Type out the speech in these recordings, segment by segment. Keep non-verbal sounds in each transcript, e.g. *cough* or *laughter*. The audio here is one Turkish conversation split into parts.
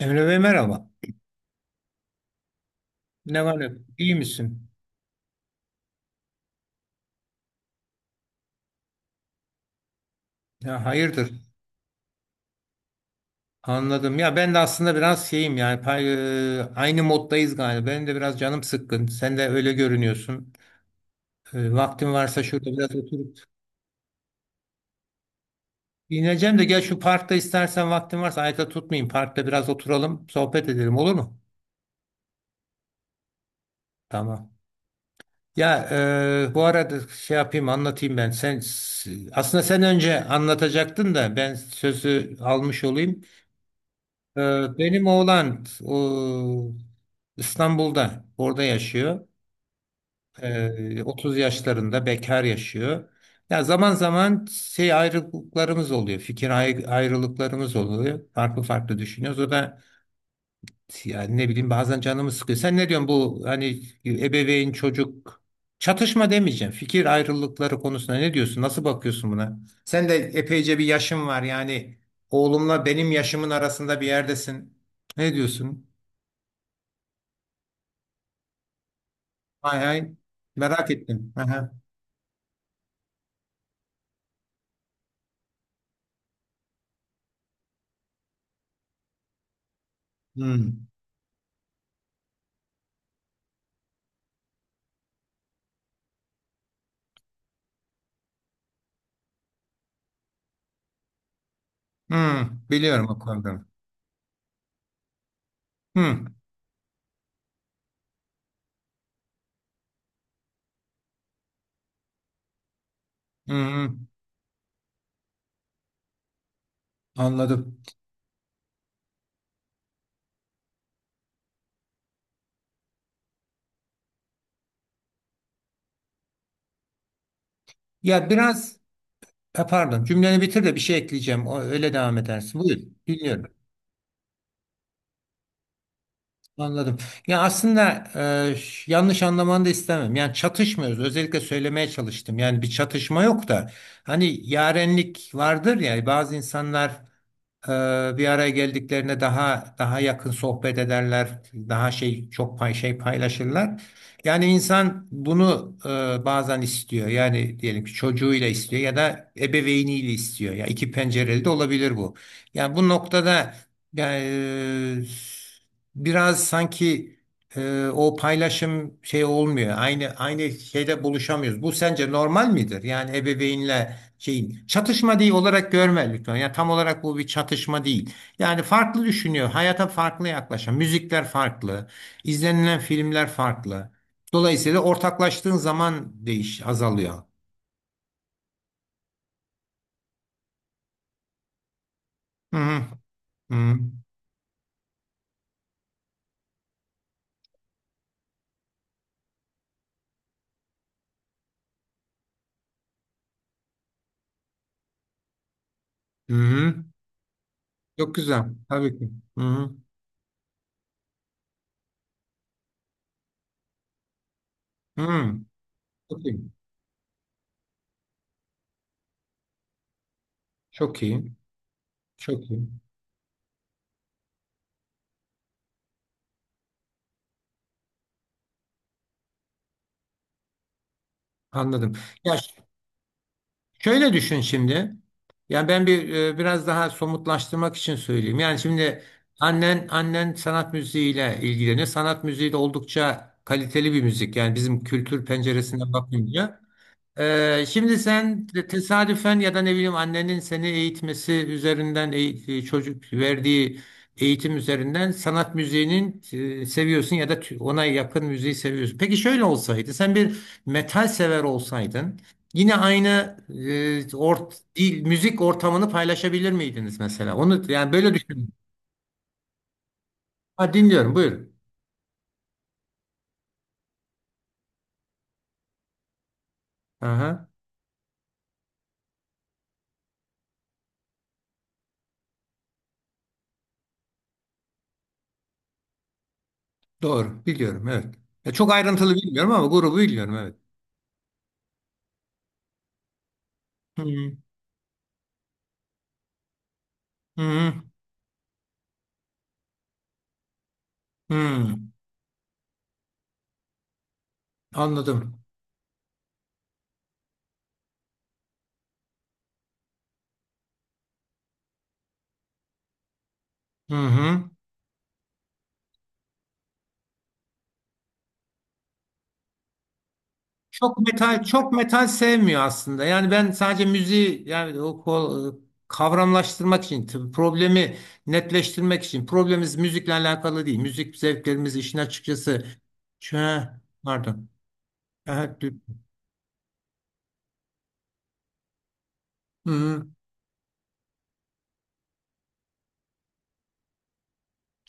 Emre Bey merhaba. Ne var ne yok? İyi misin? Ya hayırdır? Anladım. Ya ben de aslında biraz şeyim yani aynı moddayız galiba. Benim de biraz canım sıkkın. Sen de öyle görünüyorsun. Vaktin varsa şurada biraz oturup dinleyeceğim de gel şu parkta istersen vaktin varsa ayakta tutmayayım. Parkta biraz oturalım, sohbet edelim, olur mu? Tamam. Ya, bu arada şey yapayım anlatayım ben. Sen aslında sen önce anlatacaktın da ben sözü almış olayım. Benim oğlan o, İstanbul'da, orada yaşıyor. 30 yaşlarında bekar yaşıyor. Ya zaman zaman şey ayrılıklarımız oluyor, fikir ayrılıklarımız oluyor. Farklı farklı düşünüyoruz. O da yani ne bileyim bazen canımı sıkıyor. Sen ne diyorsun, bu hani ebeveyn çocuk çatışma demeyeceğim, fikir ayrılıkları konusunda ne diyorsun? Nasıl bakıyorsun buna? Sen de epeyce bir yaşın var, yani oğlumla benim yaşımın arasında bir yerdesin. Ne diyorsun? Hay hay. Merak ettim. Aha. Hmm. Hmm. Biliyorum o konuda. Hmm. Hmm. Anladım. Ya biraz ha, Pardon, cümleni bitir de bir şey ekleyeceğim. O, öyle devam edersin. Buyur. Dinliyorum. Anladım. Ya aslında yanlış anlamanı da istemem. Yani çatışmıyoruz. Özellikle söylemeye çalıştım. Yani bir çatışma yok da hani yarenlik vardır ya bazı insanlar. Bir araya geldiklerine daha yakın sohbet ederler, daha çok paylaşırlar. Yani insan bunu bazen istiyor. Yani diyelim ki çocuğuyla istiyor ya da ebeveyniyle istiyor. Ya iki pencereli de olabilir bu. Yani bu noktada yani biraz sanki o paylaşım şey olmuyor. Aynı şeyde buluşamıyoruz. Bu sence normal midir? Yani ebeveynle şeyin çatışma değil olarak görme lütfen. Yani tam olarak bu bir çatışma değil. Yani farklı düşünüyor, hayata farklı yaklaşan, müzikler farklı, izlenilen filmler farklı. Dolayısıyla ortaklaştığın zaman azalıyor. Hı hı. Hı hı. Hı hı. Çok güzel. Tabii ki. Hı hı. Hı. Çok iyi. Çok iyi. Çok iyi. Anladım. Ya, şöyle düşün şimdi. Yani ben biraz daha somutlaştırmak için söyleyeyim. Yani şimdi annen sanat müziğiyle ilgileniyor. Sanat müziği de oldukça kaliteli bir müzik, yani bizim kültür penceresinden bakınca. Şimdi sen tesadüfen ya da ne bileyim annenin seni eğitmesi üzerinden çocuk verdiği eğitim üzerinden sanat müziğinin seviyorsun ya da ona yakın müziği seviyorsun. Peki şöyle olsaydı sen bir metal sever olsaydın yine aynı müzik ortamını paylaşabilir miydiniz mesela? Onu yani böyle düşünün. Ha, dinliyorum, buyurun. Aha, doğru biliyorum, evet. Ya çok ayrıntılı bilmiyorum ama grubu biliyorum, evet. Hı hı. Hı hı. Anladım. Hı hı. Çok metal sevmiyor aslında. Yani ben sadece müziği, yani o kavramlaştırmak için, tabii problemi netleştirmek için. Problemimiz müzikle alakalı değil. Müzik zevklerimiz işin açıkçası. Ha, pardon. Ha. Hı hı.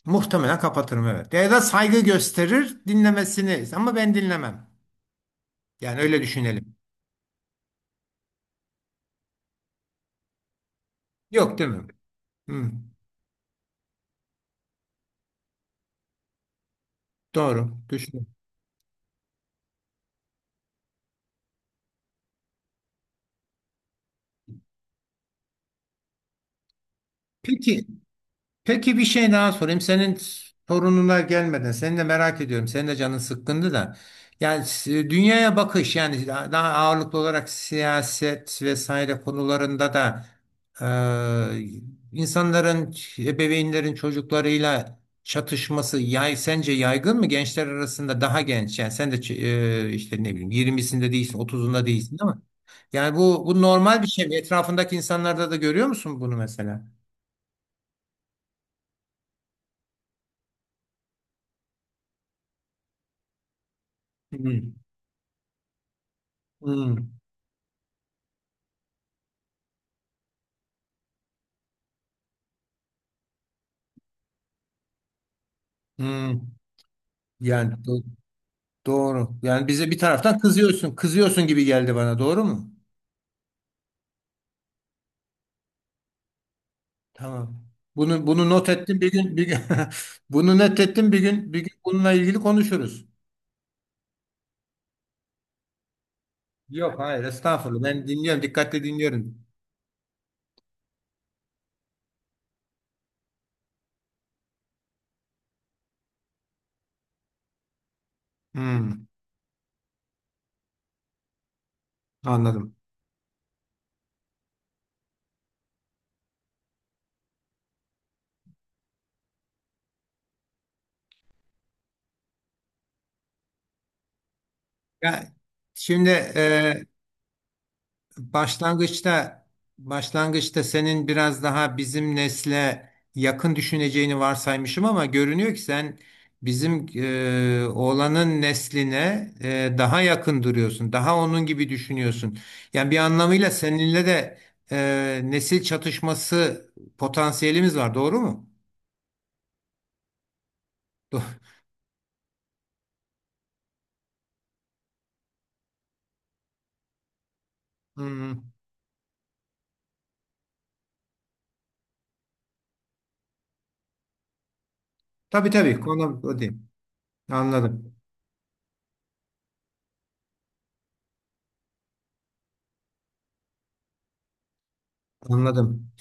Muhtemelen kapatırım, evet. Ya da saygı gösterir dinlemesini ama ben dinlemem. Yani öyle düşünelim. Yok, değil mi? Hı, doğru. Düşün. Peki. Peki bir şey daha sorayım. Senin torununa gelmeden seni de merak ediyorum. Senin de canın sıkkındı da. Yani dünyaya bakış, yani daha ağırlıklı olarak siyaset vesaire konularında da insanların, ebeveynlerin çocuklarıyla çatışması sence yaygın mı gençler arasında, daha genç yani sen de işte ne bileyim, 20'sinde değilsin 30'unda değilsin ama yani bu normal bir şey mi? Etrafındaki insanlarda da görüyor musun bunu mesela? Hmm. Hmm. Hmm, yani doğru. Yani bize bir taraftan kızıyorsun, kızıyorsun gibi geldi bana, doğru mu? Tamam. Bunu not ettim bir gün *laughs* bunu not ettim bir gün bununla ilgili konuşuruz. Yok hayır, estağfurullah, ben dinliyorum, dikkatle dinliyorum. Hmm, anladım. Ya şimdi başlangıçta senin biraz daha bizim nesle yakın düşüneceğini varsaymışım ama görünüyor ki sen bizim oğlanın nesline daha yakın duruyorsun. Daha onun gibi düşünüyorsun. Yani bir anlamıyla seninle de nesil çatışması potansiyelimiz var. Doğru mu? Do- Hmm. Tabii tabii konu o değil. Anladım. Anladım.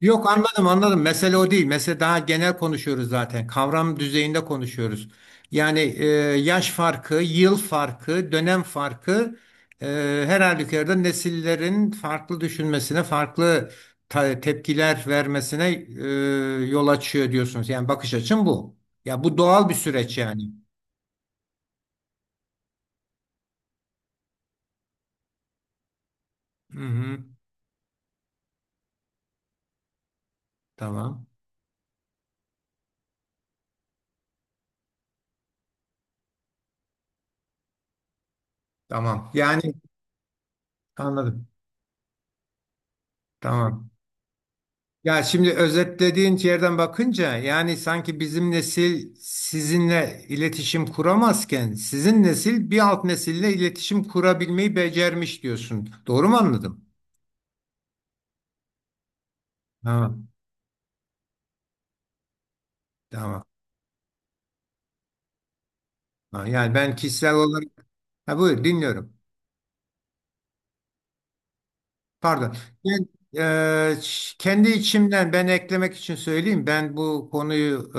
Yok, anladım, anladım. Mesele o değil. Mesele daha genel konuşuyoruz zaten. Kavram düzeyinde konuşuyoruz. Yani yaş farkı, yıl farkı, dönem farkı e, her halükarda nesillerin farklı düşünmesine, farklı tepkiler vermesine yol açıyor diyorsunuz. Yani bakış açım bu. Ya bu doğal bir süreç yani. Hı hı. Tamam. Tamam. Yani anladım. Tamam. Ya şimdi özetlediğin yerden bakınca yani sanki bizim nesil sizinle iletişim kuramazken sizin nesil bir alt nesille iletişim kurabilmeyi becermiş diyorsun. Doğru mu anladım? Ha, tamam. Ha, yani ben kişisel olarak ha, buyur, dinliyorum. Pardon. Ben kendi içimden ben eklemek için söyleyeyim. Ben bu konuyu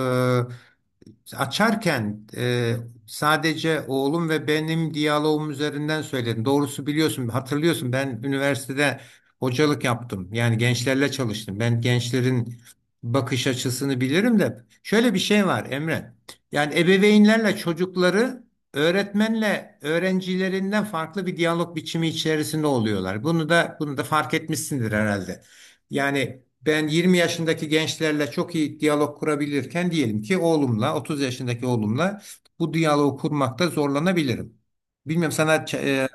açarken sadece oğlum ve benim diyaloğum üzerinden söyledim. Doğrusu biliyorsun, hatırlıyorsun, ben üniversitede hocalık yaptım. Yani gençlerle çalıştım. Ben gençlerin bakış açısını bilirim de şöyle bir şey var Emre. Yani ebeveynlerle çocukları, öğretmenle öğrencilerinden farklı bir diyalog biçimi içerisinde oluyorlar. Bunu da fark etmişsindir herhalde. Yani ben 20 yaşındaki gençlerle çok iyi diyalog kurabilirken diyelim ki oğlumla 30 yaşındaki oğlumla bu diyaloğu kurmakta zorlanabilirim. Bilmiyorum sana e,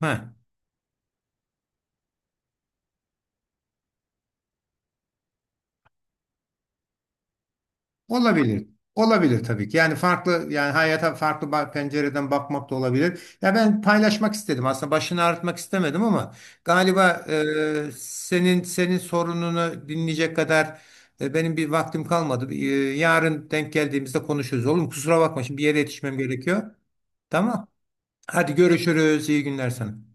ha. Olabilir. Olabilir tabii ki. Yani farklı yani hayata farklı pencereden bakmak da olabilir. Ya ben paylaşmak istedim. Aslında başını ağrıtmak istemedim ama galiba senin sorununu dinleyecek kadar benim bir vaktim kalmadı. Yarın denk geldiğimizde konuşuruz. Oğlum kusura bakma, şimdi bir yere yetişmem gerekiyor. Tamam. Hadi görüşürüz. İyi günler sana.